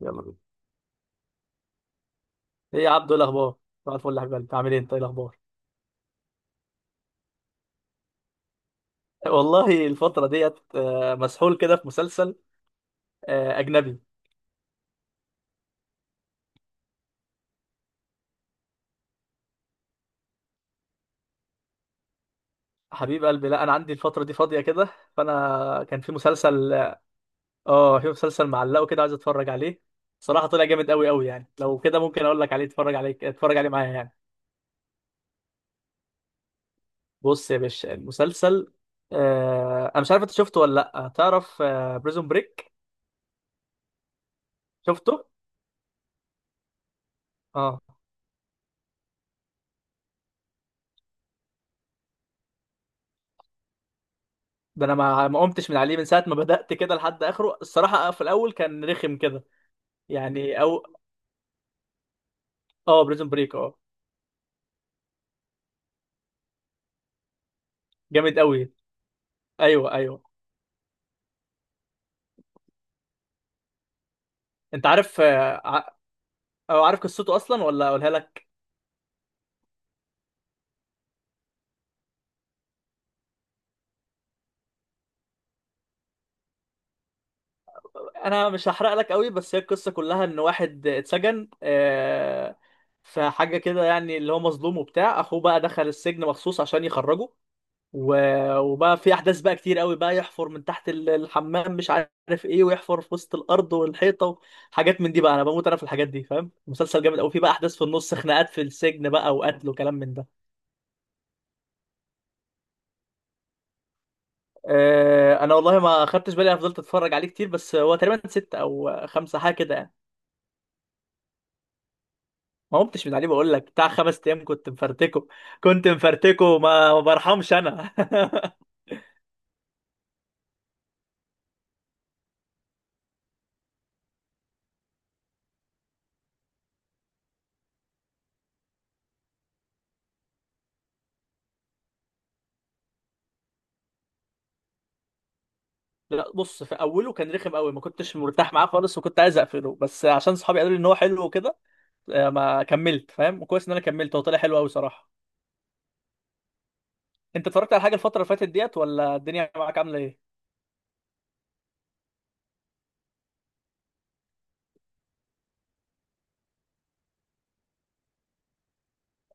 يلا بينا. ايه يا عبدو؟ إيه الاخبار؟ صباح الفل يا حبيب قلبي، عامل ايه؟ انت ايه الاخبار؟ والله الفتره ديت، مسحول كده في مسلسل اجنبي. حبيب قلبي، لا انا عندي الفتره دي فاضيه كده، فانا كان في مسلسل، اه في مسلسل معلقه كده عايز اتفرج عليه. صراحه طلع جامد قوي قوي. يعني لو كده ممكن اقول لك عليه، اتفرج عليه، اتفرج عليه معايا يعني. بص يا باشا، المسلسل انا مش عارف انت شفته ولا لا، تعرف بريزون بريك؟ شفته. اه، ده انا ما قمتش من عليه من ساعه ما بدات كده لحد اخره الصراحه. في الاول كان رخم كده يعني. او اه بريزون بريك، اه، جامد قوي. ايوه، ايوه. انت عارف او عارف قصته اصلا ولا اقولها لك؟ انا مش هحرق لك قوي بس، هي القصه كلها ان واحد اتسجن، في حاجه كده يعني، اللي هو مظلوم وبتاع، اخوه بقى دخل السجن مخصوص عشان يخرجه. وبقى في احداث بقى كتير قوي، بقى يحفر من تحت الحمام، مش عارف ايه، ويحفر في وسط الارض والحيطه. حاجات من دي بقى انا بموت انا في الحاجات دي، فاهم؟ مسلسل جامد قوي. في بقى احداث في النص، خناقات في السجن بقى، وقتل وكلام من ده. انا والله ما خدتش بالي، انا فضلت اتفرج عليه كتير، بس هو تقريبا 6 او 5 حاجه كده يعني. ما قمتش من عليه بقول لك، بتاع 5 ايام كنت مفرتكه، كنت مفرتكه، ما برحمش انا. لا بص، في اوله كان رخم قوي، ما كنتش مرتاح معاه خالص، وكنت عايز اقفله، بس عشان صحابي قالوا لي ان هو حلو وكده، ما كملت، فاهم؟ وكويس ان انا كملت، هو طلع حلو قوي صراحه. انت اتفرجت على حاجه الفتره اللي فاتت ديت، ولا الدنيا معاك عامله ايه؟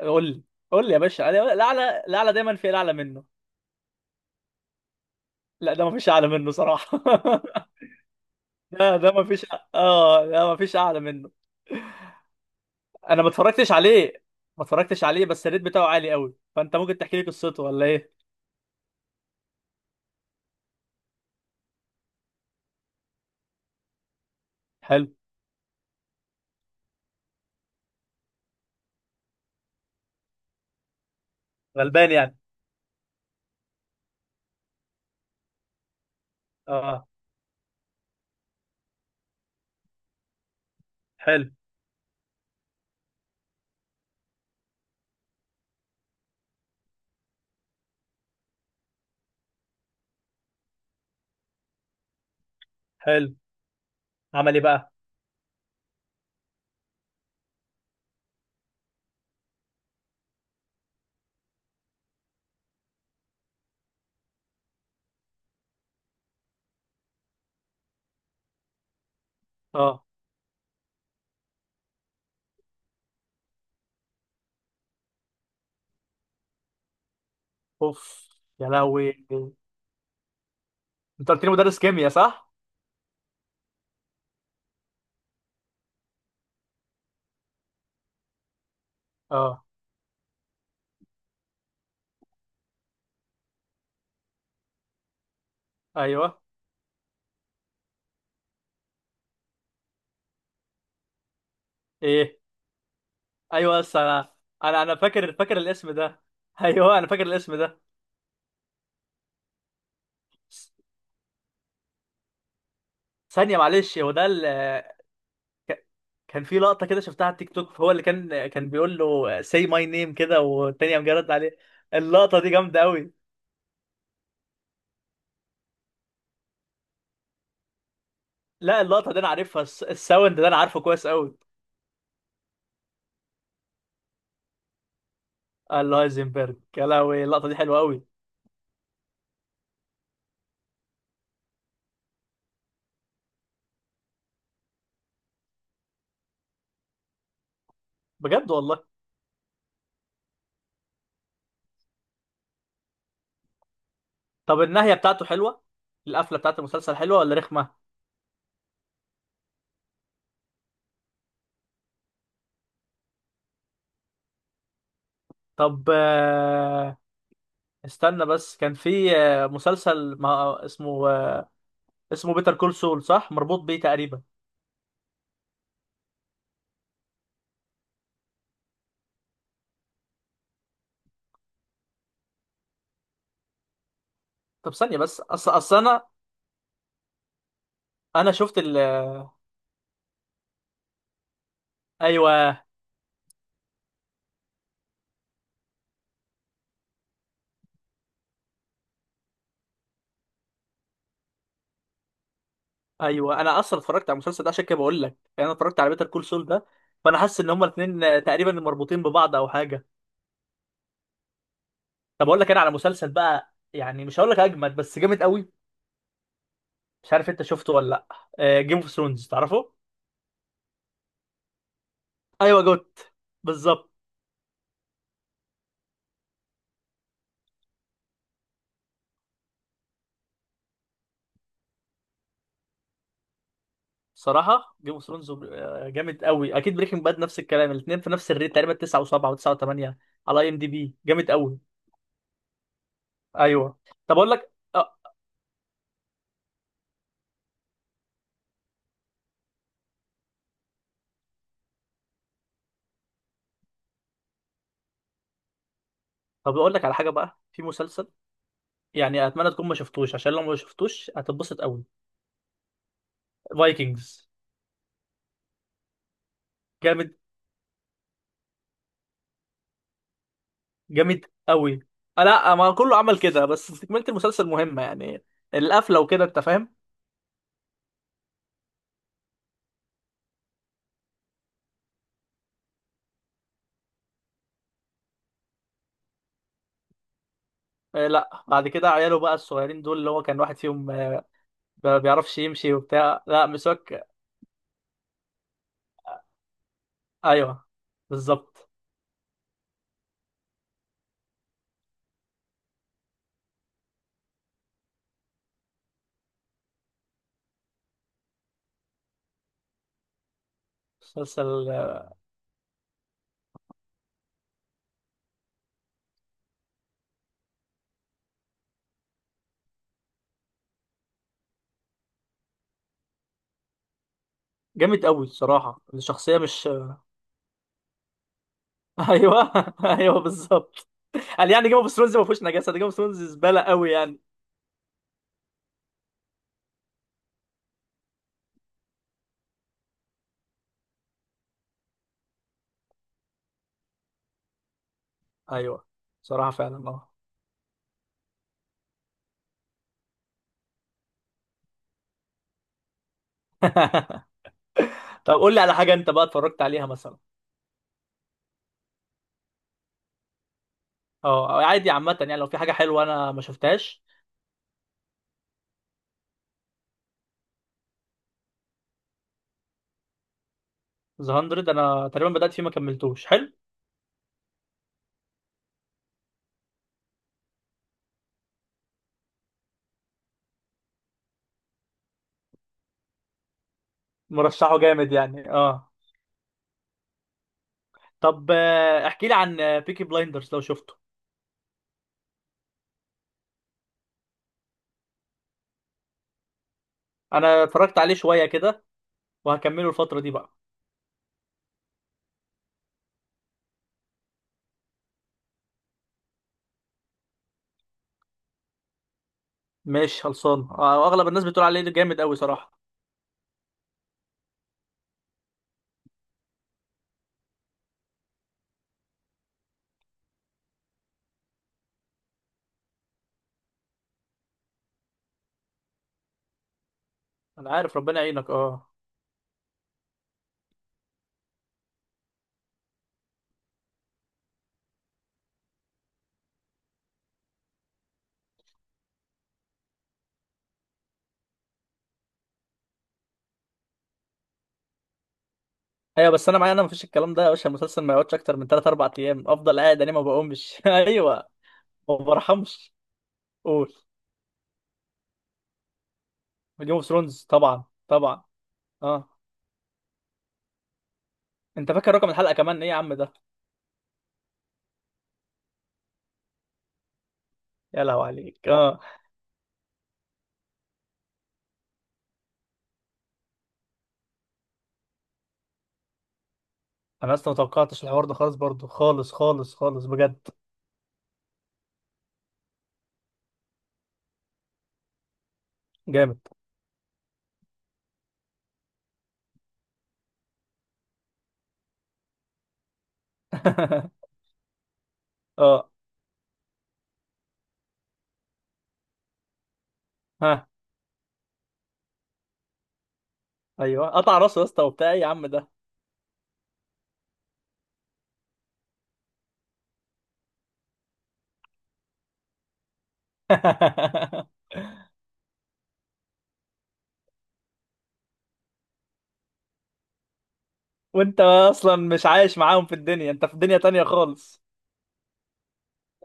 قول لي، قول لي يا باشا. الاعلى، الاعلى دايما في الاعلى منه. لا ده ما فيش اعلى منه صراحه. ده ما فيش، اه، ده ما فيش اعلى منه. انا ما اتفرجتش عليه، ما اتفرجتش عليه، بس الريت بتاعه عالي قوي، فانت ممكن تحكي لي قصته ولا ايه؟ حلو. غلبان يعني. اه. حلو. حلو. عمل ايه بقى؟ اه. اوف. يا لهوي، انت قلت لي مدرس كيمياء صح؟ اه. ايوه. ايه. ايوه بس انا، انا فاكر الاسم ده. ايوه انا فاكر الاسم ده. س- ثانيه معلش، هو ده ك- كان في لقطه كده شفتها على التيك توك، هو اللي كان بيقول له say my name كده، والتاني قام جاي رد عليه. اللقطه دي جامده قوي. لا اللقطه دي انا عارفها، الساوند ده انا عارفه كويس قوي. الهايزنبرج. يا لهوي اللقطه دي حلوه قوي. بجد والله. طب النهايه بتاعته حلوه؟ القفله بتاعت المسلسل حلوه ولا رخمه؟ طب استنى بس، كان في مسلسل ما اسمه، اسمه بيتر كول سول، صح مربوط بيه تقريبا؟ طب ثانيه بس، اصل انا شفت ال، ايوه، ايوه، انا اصلا اتفرجت على المسلسل ده عشان كده بقول لك. يعني انا اتفرجت على بيتر كول سول ده، فانا حاسس ان هما الاثنين تقريبا مربوطين ببعض او حاجه. طب اقول لك انا على مسلسل بقى، يعني مش هقول لك اجمد بس جامد قوي. مش عارف انت شفته ولا لا. جيم اوف ثرونز، تعرفه؟ ايوه، جوت. بالظبط. صراحه جيم اوف ثرونز جامد قوي، اكيد، بريكنج باد نفس الكلام، الاثنين في نفس الريت تقريبا 9 و7 و9 و8 على اي ام دي بي، جامد قوي. ايوه. طب اقول لك طب اقول لك على حاجه بقى، في مسلسل يعني اتمنى تكون ما شفتوش، عشان لو ما شفتوش هتتبسط قوي. فايكنجز. جامد. جامد قوي. لا ما كله عمل كده، بس تكمله المسلسل مهمه يعني. القفله وكده، انت فاهم. لا بعد كده عياله بقى الصغيرين دول، اللي هو كان واحد فيهم ما بيعرفش يمشي وبتاع، لا مسواك. ايوه بالظبط. مسلسل جامد قوي الصراحه، الشخصيه مش. ايوه. ايوه بالظبط. قال يعني جيم اوف ثرونز ما فيهوش نجاسه، ده جيم اوف ثرونز زباله قوي يعني. ايوه. صراحه فعلا اه. طب قول لي على حاجه انت بقى اتفرجت عليها مثلا. اه، أو عادي عامه، يعني لو في حاجه حلوه انا ما شفتهاش. ذا 100 انا تقريبا بدات فيه ما كملتوش. حلو. مرشحه جامد يعني، اه. طب احكي لي عن بيكي بلايندرز لو شفته. انا اتفرجت عليه شويه كده، وهكمله الفتره دي بقى. مش خلصان. واغلب الناس بتقول عليه جامد قوي صراحه. انا عارف، ربنا يعينك، اه. ايوه بس انا، معايا انا مفيش الكلام ده يا باشا، المسلسل ما يقعدش اكتر من 3 4 ايام، افضل قاعد انا ما بقومش. ايوه، ما برحمش. قول. جيم اوف ثرونز، طبعا، طبعا. اه. انت فاكر رقم الحلقه كمان ايه يا عم ده؟ يا لهوي عليك. اه. انا اصلا ما توقعتش الحوار ده خالص، برضو خالص خالص خالص بجد. جامد. اه. ها. ايوه قطع راسه يا اسطى، وبتاع ايه يا عم ده؟ وانت اصلا مش عايش معاهم في الدنيا، انت في دنيا تانية خالص.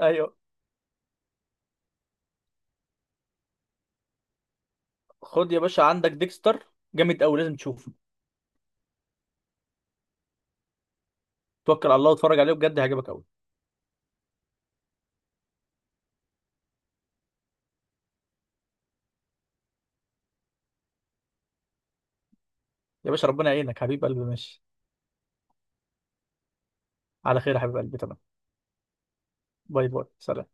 ايوه. خد يا باشا عندك ديكستر، جامد قوي لازم تشوفه. توكل على الله واتفرج عليه بجد هيعجبك قوي. يا باشا ربنا يعينك حبيب قلبي، ماشي. على خير يا حبيب قلبي، تمام. باي باي، سلام.